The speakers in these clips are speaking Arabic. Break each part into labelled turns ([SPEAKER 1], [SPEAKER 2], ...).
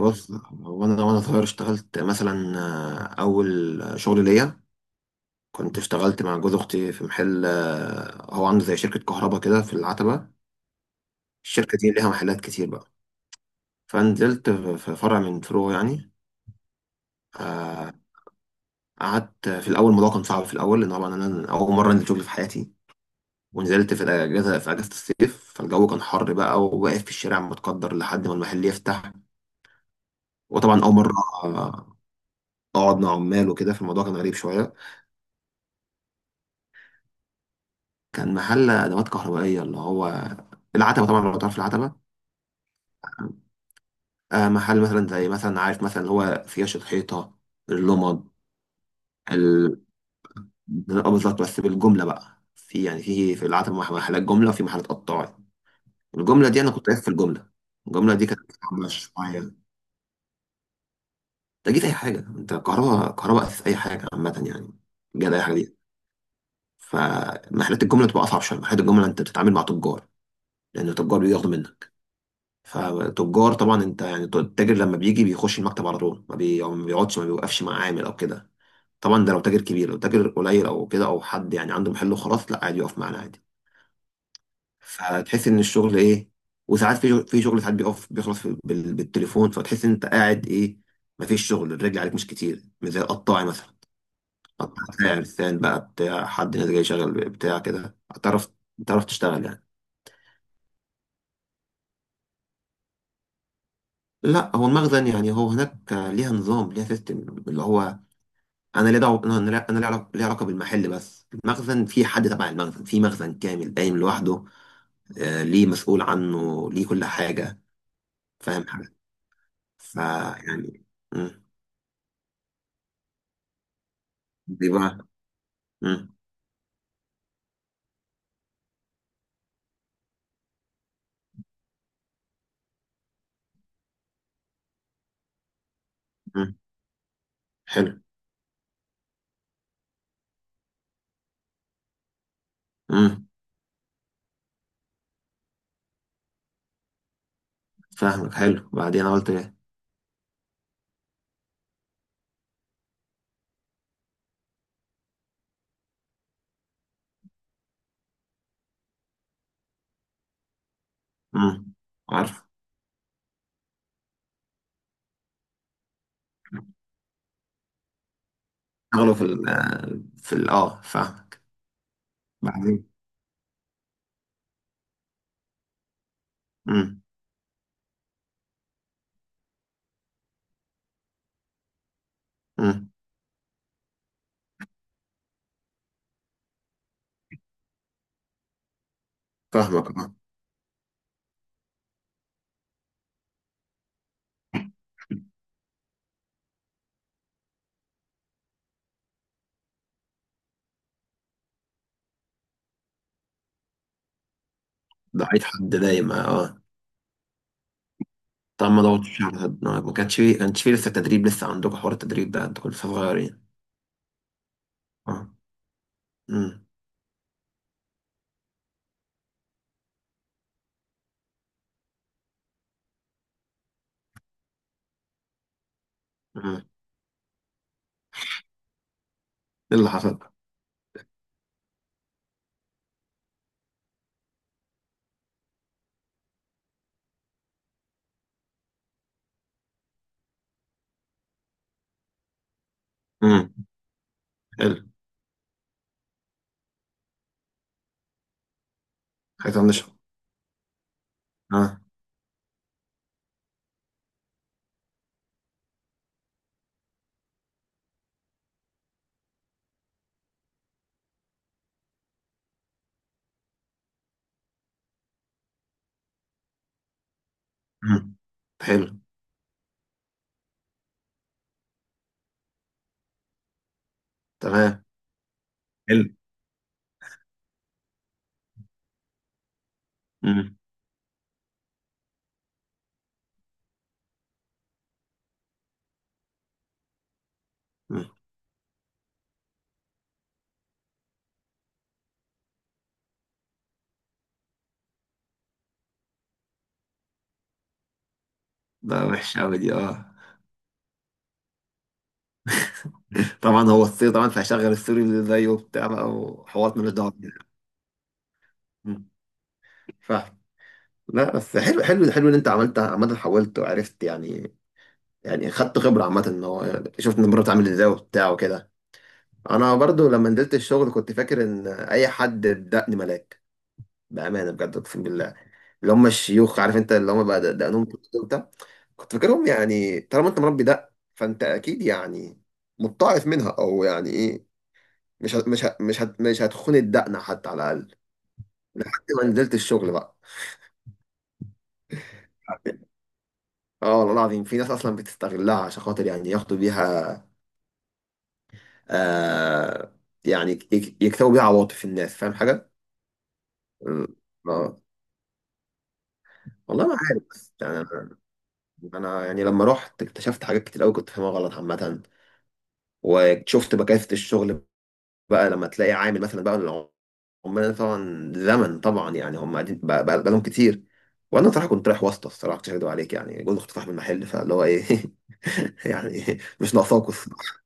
[SPEAKER 1] بص هو انا وانا صغير اشتغلت مثلا اول شغل ليا كنت اشتغلت مع جوز اختي في محل، هو عنده زي شركه كهرباء كده في العتبه. الشركه دي ليها محلات كتير بقى، فنزلت في فرع من فروعه يعني. آه، قعدت في الاول، الموضوع كان صعب في الاول لان طبعا انا اول مره انزل شغل في حياتي، ونزلت في الاجازه، في اجازه الصيف، فالجو كان حر بقى وواقف في الشارع متقدر لحد ما المحل يفتح. وطبعا اول مره آه، اقعد مع عمال وكده، فالموضوع كان غريب شويه. كان محل ادوات كهربائيه، اللي هو العتبه طبعا، لو تعرف العتبه. آه محل مثلا زي مثلا عارف مثلا اللي هو فياش الحيطه، اللمض، ال... آه بالظبط، بس بالجمله بقى، في يعني في العتبه محلات جمله وفي محلات قطاعي. الجمله دي انا كنت واقف في الجمله. الجمله دي كانت عامله شويه، انت جيت اي حاجه، انت كهرباء، كهرباء اساس، اي حاجه عامه يعني، جاد اي حاجه دي. فمحلات الجمله بتبقى اصعب شويه، محلات الجمله انت بتتعامل مع تجار، لان التجار بياخدوا منك. فتجار طبعا انت يعني التاجر لما بيجي بيخش المكتب على طول، ما بي- أو ما بيقعدش ما بيوقفش مع عامل او كده. طبعا ده لو تاجر كبير، لو تاجر قليل او كده او حد يعني عنده محل وخلاص لا عادي يقف معانا عادي. فتحس ان الشغل ايه، وساعات في شغل ساعات بيقف بيخلص بالتليفون، فتحس ان انت قاعد ايه، ما فيش شغل، الرجل عليك مش كتير، مش زي القطاعي مثلا. قطاع ساعة لسان بقى بتاع حد، ناس جاي شغال بتاع كده، هتعرف تعرف تشتغل يعني. لا هو المخزن يعني هو هناك ليها نظام، ليها سيستم اللي هو انا ليه دعوه، انا لا- انا ليه علاقه بالمحل، بس المخزن في حد تبع المخزن، في مخزن كامل قايم لوحده، ليه مسؤول عنه، ليه كل حاجه. فاهم حاجه؟ فيعني. مم. دي بقى. مم. مم. حلو. مم. فاهمك. حلو. بعدين انا قلت ايه؟ مم. عارف. شغله في ال اه، فاهمك. بعدين. مم. مم. فاهمك اه. ضعيف حد دايما اه. طب ما ضغطتش على حد، ما كانش فيه كانش فيه لسه تدريب، لسه عندكم حوار التدريب ده؟ انتوا كنتوا لسه صغيرين. اه. امم. امم. ايه اللي حصل بقى؟ امم. حلو. حاجة طنشها. اه. امم. حلو. تمام. حلو. امم. امم. ده وحش قوي دي اه طبعا هو السوري، طبعا فهشغل السوري اللي زيه وبتاع بقى، وحوارات مالوش دعوة بيها. أمم، فاهم. لا بس حلو حلو حلو ان انت عملت، عامة حاولت وعرفت يعني، يعني خدت خبرة عامة، ان هو يعني شفت ان المرة بتعمل ازاي وبتاع وكده. انا برضو لما نزلت الشغل كنت فاكر ان اي حد بدقني ملاك، بأمانة بجد اقسم بالله. اللي هم الشيوخ عارف انت، اللي هم بقى دقنهم كتير وبتاع، كنت فاكرهم يعني طالما انت مربي دق فانت اكيد يعني متطعف منها او يعني ايه، مش هتخون الدقنه حتى على الاقل، لحد ما نزلت الشغل بقى. اه والله العظيم في ناس اصلا بتستغلها عشان خاطر يعني ياخدوا بيها، آه يعني يكسبوا بيها عواطف الناس. فاهم حاجه؟ ال- اه. والله ما عارف، بس يعني انا، أنا يعني لما رحت اكتشفت حاجات كتير قوي كنت فاهمها غلط عامه، وشفت بكافه الشغل بقى لما تلاقي عامل مثلا بقى، عمال طبعا زمن طبعا يعني هم قاعدين بقى، بقالهم كتير. وانا صراحه كنت رايح واسطه، الصراحه مش هكدب عليك يعني، جوز كنت صاحب المحل، فاللي هو ايه يعني مش ناقصاكوا الصراحه،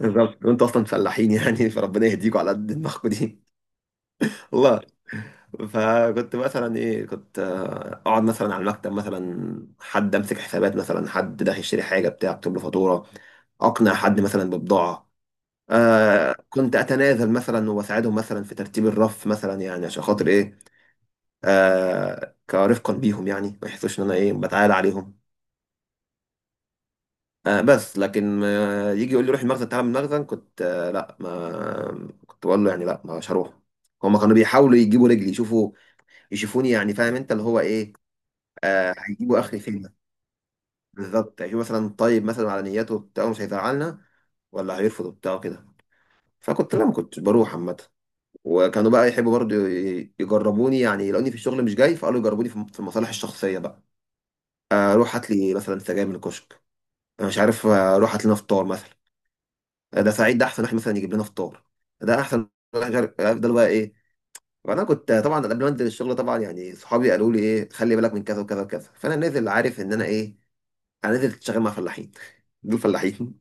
[SPEAKER 1] بالظبط وانتوا اصلا فلاحين يعني، فربنا يهديكوا على قد دماغكوا دي والله. فكنت مثلا ايه كنت اقعد مثلا على المكتب مثلا، حد امسك حسابات، مثلا حد داخل يشتري حاجه بتاع اكتب له فاتوره، اقنع حد مثلا ببضاعه. آه كنت اتنازل مثلا واساعدهم مثلا في ترتيب الرف مثلا، يعني عشان خاطر ايه، آه كرفقا بيهم يعني ما يحسوش ان انا ايه بتعالى عليهم. آه بس لكن آه يجي يقول لي روح المخزن تعالى من المخزن، كنت آه لا، ما كنت بقول له يعني لا مش هروح. هما كانوا بيحاولوا يجيبوا رجلي، يشوفوا يشوفوني يعني فاهم انت اللي هو ايه، آه هيجيبوا اخري فين، بالظبط، يشوفوا مثلا طيب مثلا على نياته بتاعه مش هيزعلنا ولا هيرفض بتاعه كده. فكنت لا، ما كنتش بروح عامة. وكانوا بقى يحبوا برضو يجربوني يعني لاني في الشغل مش جاي، فقالوا يجربوني في المصالح الشخصيه بقى. روح هات لي مثلا سجاير من الكشك، انا مش عارف، روح هات لنا فطار مثلا، ده سعيد ده احسن واحد مثلا يجيب لنا فطار، ده احسن واحد مش عارف افضل بقى ايه. فانا كنت طبعا قبل ما انزل الشغل طبعا يعني صحابي قالوا لي ايه خلي بالك من كذا وكذا وكذا، فانا نازل عارف ان انا ايه، انا نازل شغال مع فلاحين دول فلاحين.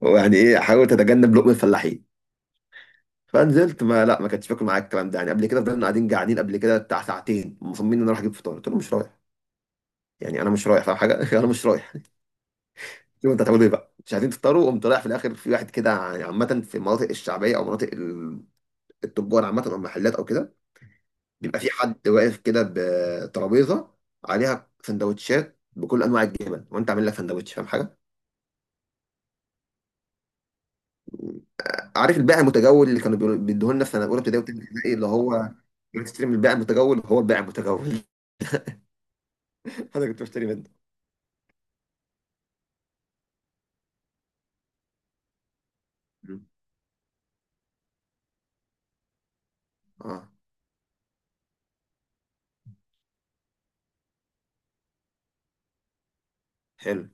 [SPEAKER 1] ويعني ايه، حاول تتجنب لقمه الفلاحين. فنزلت ما لا ما كانتش فاكر معاك الكلام ده يعني، قبل كده فضلنا قاعدين قاعدين قبل كده بتاع ساعتين مصممين ان انا رايح اجيب فطار، قلت له مش رايح، يعني انا مش رايح فاهم حاجه انا مش رايح شوف انت هتعملوا ايه بقى، مش عايزين تفطروا. قمت رايح في الاخر في واحد كده يعني، عامه في المناطق الشعبيه او مناطق التجار عامه، او المحلات او كده، بيبقى في حد واقف كده بترابيزه عليها سندوتشات بكل انواع الجبن، وانت عامل لك سندوتش، فاهم حاجه؟ عارف البائع المتجول اللي كانوا بيدوه لنا في سنه اولى ابتدائي وثانيه ابتدائي، اللي هو بتشتري من البائع المتجول، هو البائع المتجول انا كنت بشتري منه. اه حلو.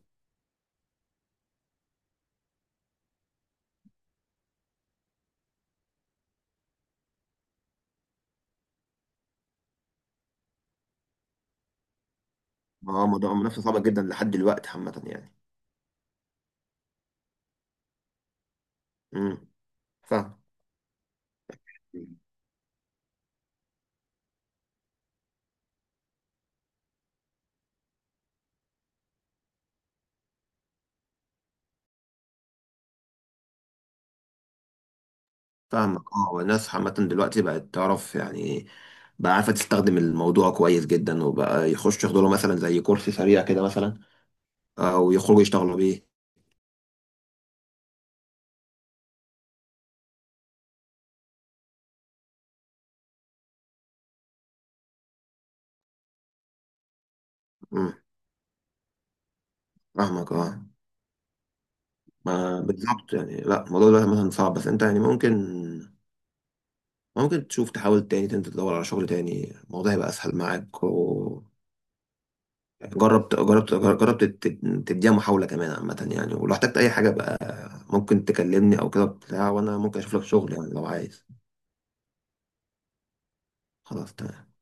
[SPEAKER 1] ما هو موضوع منافسة صعبة جدا لحد دلوقتي عامة يعني. امم. فاهم. فاهمك اه. الناس عامة دلوقتي بقت تعرف يعني، بقى عارفة تستخدم الموضوع كويس جدا، وبقى يخش ياخدوا له مثلا زي كورس سريع كده مثلا، او يخرجوا يشتغلوا بيه. امم. فاهمك اه. ما بالظبط يعني، لا الموضوع ده مثلا صعب، بس انت يعني ممكن ممكن تشوف تحاول تاني، تنزل تدور على شغل تاني، الموضوع هيبقى اسهل معاك و... جربت جربت جربت. تديها محاولة كمان عامة يعني، ولو احتجت أي حاجة بقى ممكن تكلمني أو كده بتاع، وأنا ممكن أشوف لك شغل يعني لو عايز. خلاص تمام.